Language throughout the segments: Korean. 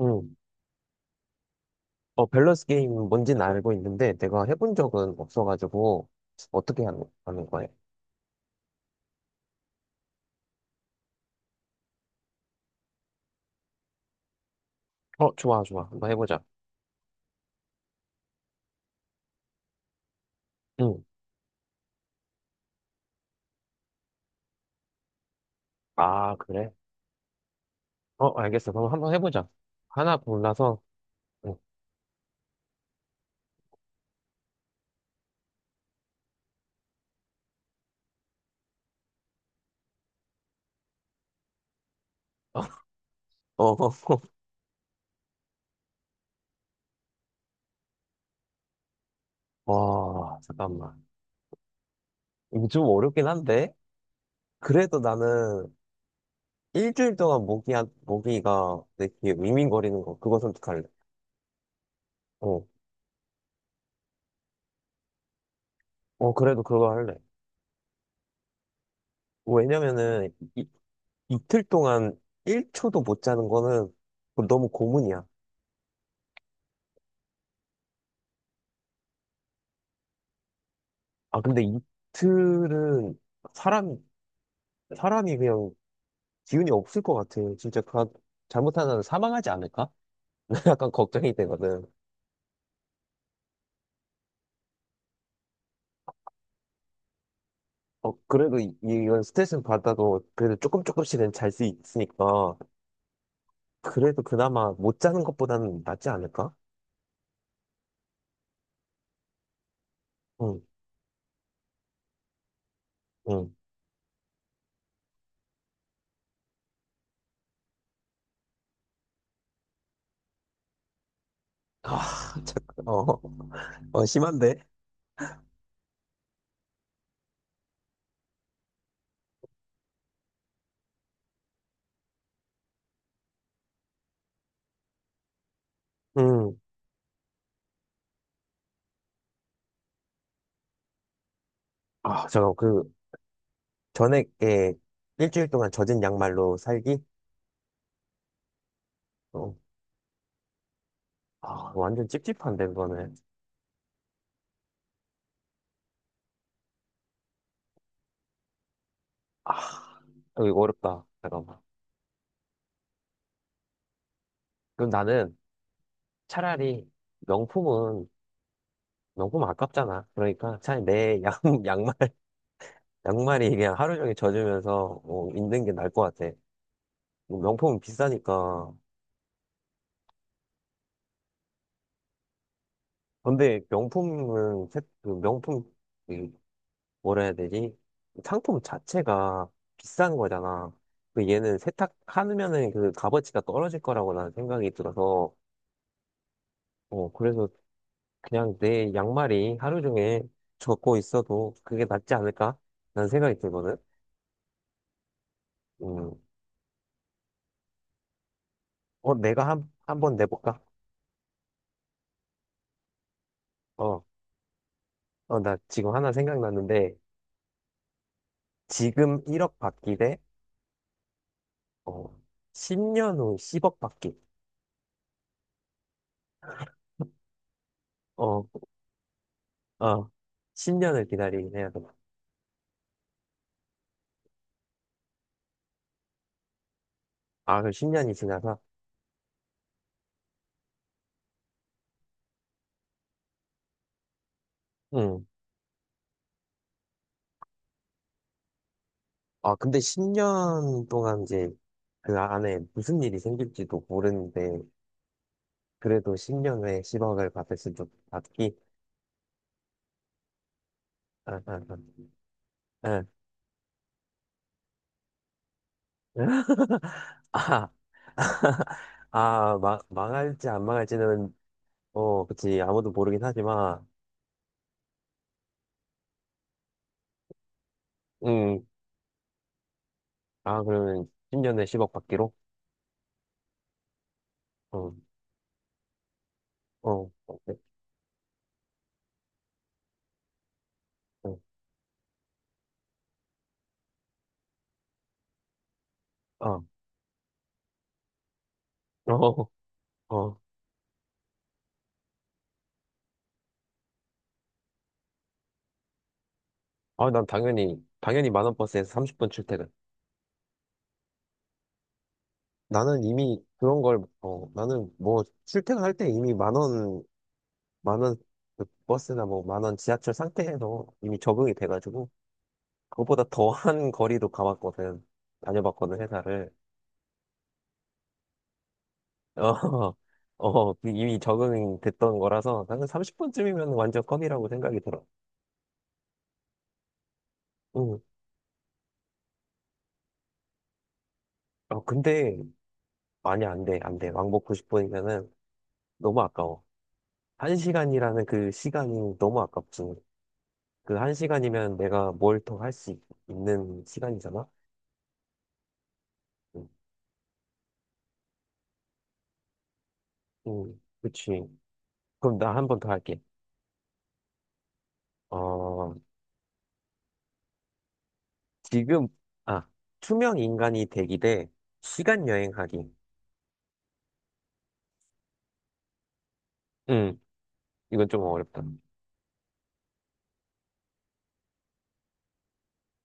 음. 어, 밸런스 게임 뭔지는 알고 있는데 내가 해본 적은 없어가지고 어떻게 하는 거야? 어, 좋아, 좋아. 한번 해보자. 응. 아, 그래? 어, 알겠어. 그럼 한번 해보자. 하나 골라서. 응. 어, 어, 와, 잠깐만. 이거 좀 어렵긴 한데? 그래도 나는 일주일 동안 모기, 모기가 내 귀에 윙윙거리는 거, 그거 선택할래. 어, 어, 그래도 그거 할래. 왜냐면은 이틀 동안 1초도 못 자는 거는 너무 고문이야. 아, 근데 이틀은 사람, 사람이 그냥 기운이 없을 것 같아. 잘못하면 사망하지 않을까? 약간 걱정이 되거든. 그래도 이건 스트레스는 받아도 그래도 조금씩은 잘 수 있으니까 그래도 그나마 못 자는 것보다는 낫지 않을까? 응, 응. 아, 잠깐. 어, 어, 심한데? 응. 아, 저. 전액에 일주일 동안 젖은 양말로 살기? 어, 아, 완전 찝찝한데, 그거는. 아. 어, 이거 어렵다. 잠깐만. 그럼 나는 차라리 명품은 명품 아깝잖아. 양말, 양말이 그냥 하루 종일 젖으면서 뭐 있는 게 나을 것 같아. 뭐 명품은 비싸니까. 근데 명품은, 세- 그 명품, 이 뭐라 해야 되지? 상품 자체가 비싼 거잖아. 그 얘는 세탁하면은 그 값어치가 떨어질 거라고 나는 생각이 들어서, 어, 그래서 그냥 내 양말이 하루 종일 젖고 있어도 그게 낫지 않을까? 라는 생각이 들거든. 음, 어, 내가 한번 내볼까? 어, 어, 나 지금 하나 생각났는데, 지금 1억 받기 대, 어, 10년 후 10억 받기. 어, 어, 10년을 기다리긴 해야 돼. 아, 그럼 10년이 지나서? 응. 아, 근데 10년 동안 이제 그 안에 무슨 일이 생길지도 모르는데, 그래도 10년 후에 10억을 받을 수도 받기? 아, 아, 아. 아, 아, 망할지 안 망할지는, 어, 그치, 아무도 모르긴 하지만, 음, 아, 그러면 10년에 10억 받기로? 어, 어, 어, 네, 어, 어, 어, 어. 아, 난 당연히, 당연히 만원 버스에서 30분 출퇴근. 나는 이미 그런 걸, 어, 나는 뭐, 출퇴근할 때 이미 만원 그 버스나 뭐, 만 원 지하철 상태에서 이미 적응이 돼가지고, 그것보다 더한 거리도 가봤거든. 다녀봤거든, 회사를. 어, 어, 그 이미 적응이 됐던 거라서 나는 30분쯤이면 완전 껌이라고 생각이 들어. 응. 어, 근데, 아니, 안 돼. 왕복 90분이면은 너무 아까워. 한시간이라는그 시간이 너무 아깝지. 그 한시간이면 내가 뭘 더 할 수 있는 시간이잖아? 응, 응, 그치. 그럼 나 한 번 더 할게. 어, 지금, 아, 투명 인간이 되기 대 시간 여행하기. 응, 이건 좀 어렵다.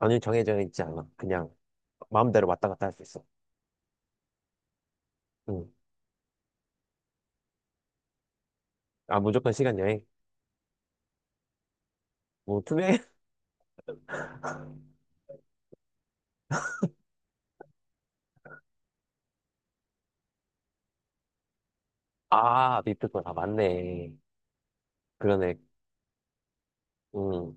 아니, 정해져 있지 않아. 그냥. 마음대로 왔다 갔다 할 수 있어. 응. 아, 무조건 시간 여행. 뭐, 투명해. 아, 밑에 거다 맞네. 그러네. 응,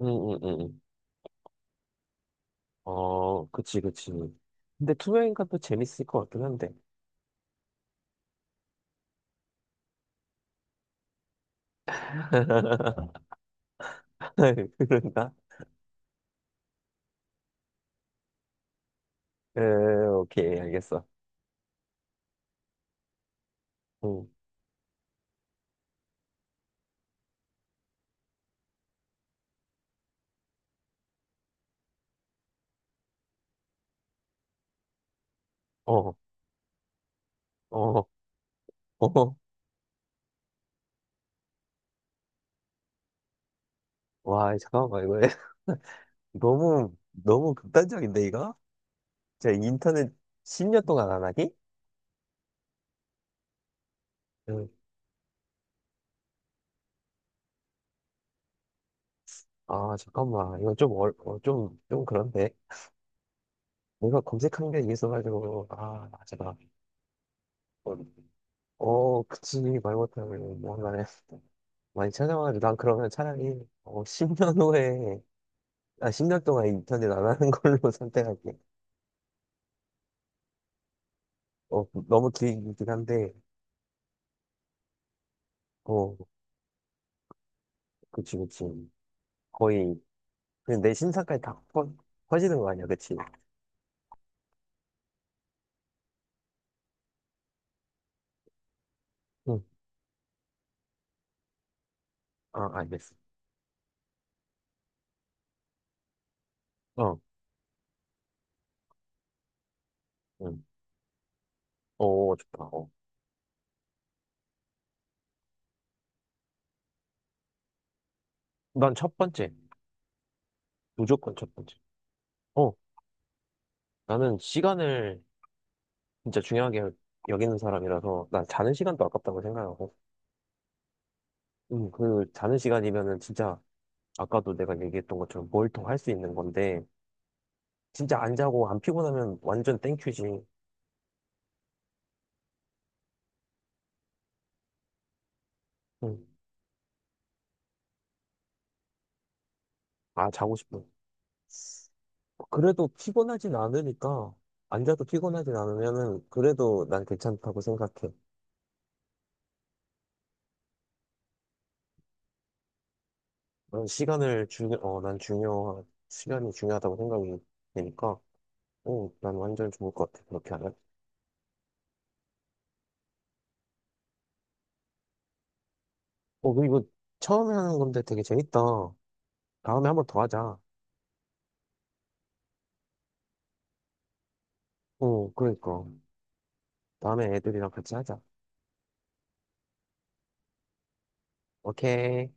응. 응. 어, 그치, 그치. 근데 투명인가 또 재밌을 것 같긴 한데. 그런가? 에, 오케이, 알겠어. 응. 어, 어, 어. 와, 잠깐만, 이거 너무 극단적인데, 이거? 제가 인터넷 10년 동안 안 하기? 응. 아, 잠깐만. 이거 좀 그런데. 내가 검색한 게 있어가지고, 아, 제가, 어, 어, 그치, 말 못하면, 뭔가를 많이 찾아와가지고, 난 그러면 차라리, 어, 10년 후에, 아, 10년 동안 인터넷 안 하는 걸로 선택할게. 어, 너무 길긴 한데, 어, 그치, 그치. 거의, 그냥 내 신상까지 다 퍼, 퍼지는 거 아니야, 그치? 응, 아, 알겠어. 어, 응. 어, 좋다. 어. 난 첫 번째. 무조건 첫 번째. 어, 나는 시간을 진짜 중요하게 여기는 사람이라서 난 자는 시간도 아깝다고 생각하고 그 자는 시간이면은 진짜 아까도 내가 얘기했던 것처럼 뭘입할 수 있는 건데 진짜 안 자고 안 피곤하면 완전 땡큐지. 음, 아 자고 싶어 그래도 피곤하진 않으니까 안 자도 피곤하진 않으면은 그래도 난 괜찮다고 생각해. 난 시간을 중요 어난 중요 시간이 중요하다고 생각이 되니까 어난 완전 좋을 것 같아 그렇게 하면. 어 그리고 처음에 하는 건데 되게 재밌다. 다음에 한 번 더 하자. 어, 그러니까. 다음에 애들이랑 같이 하자. 오케이.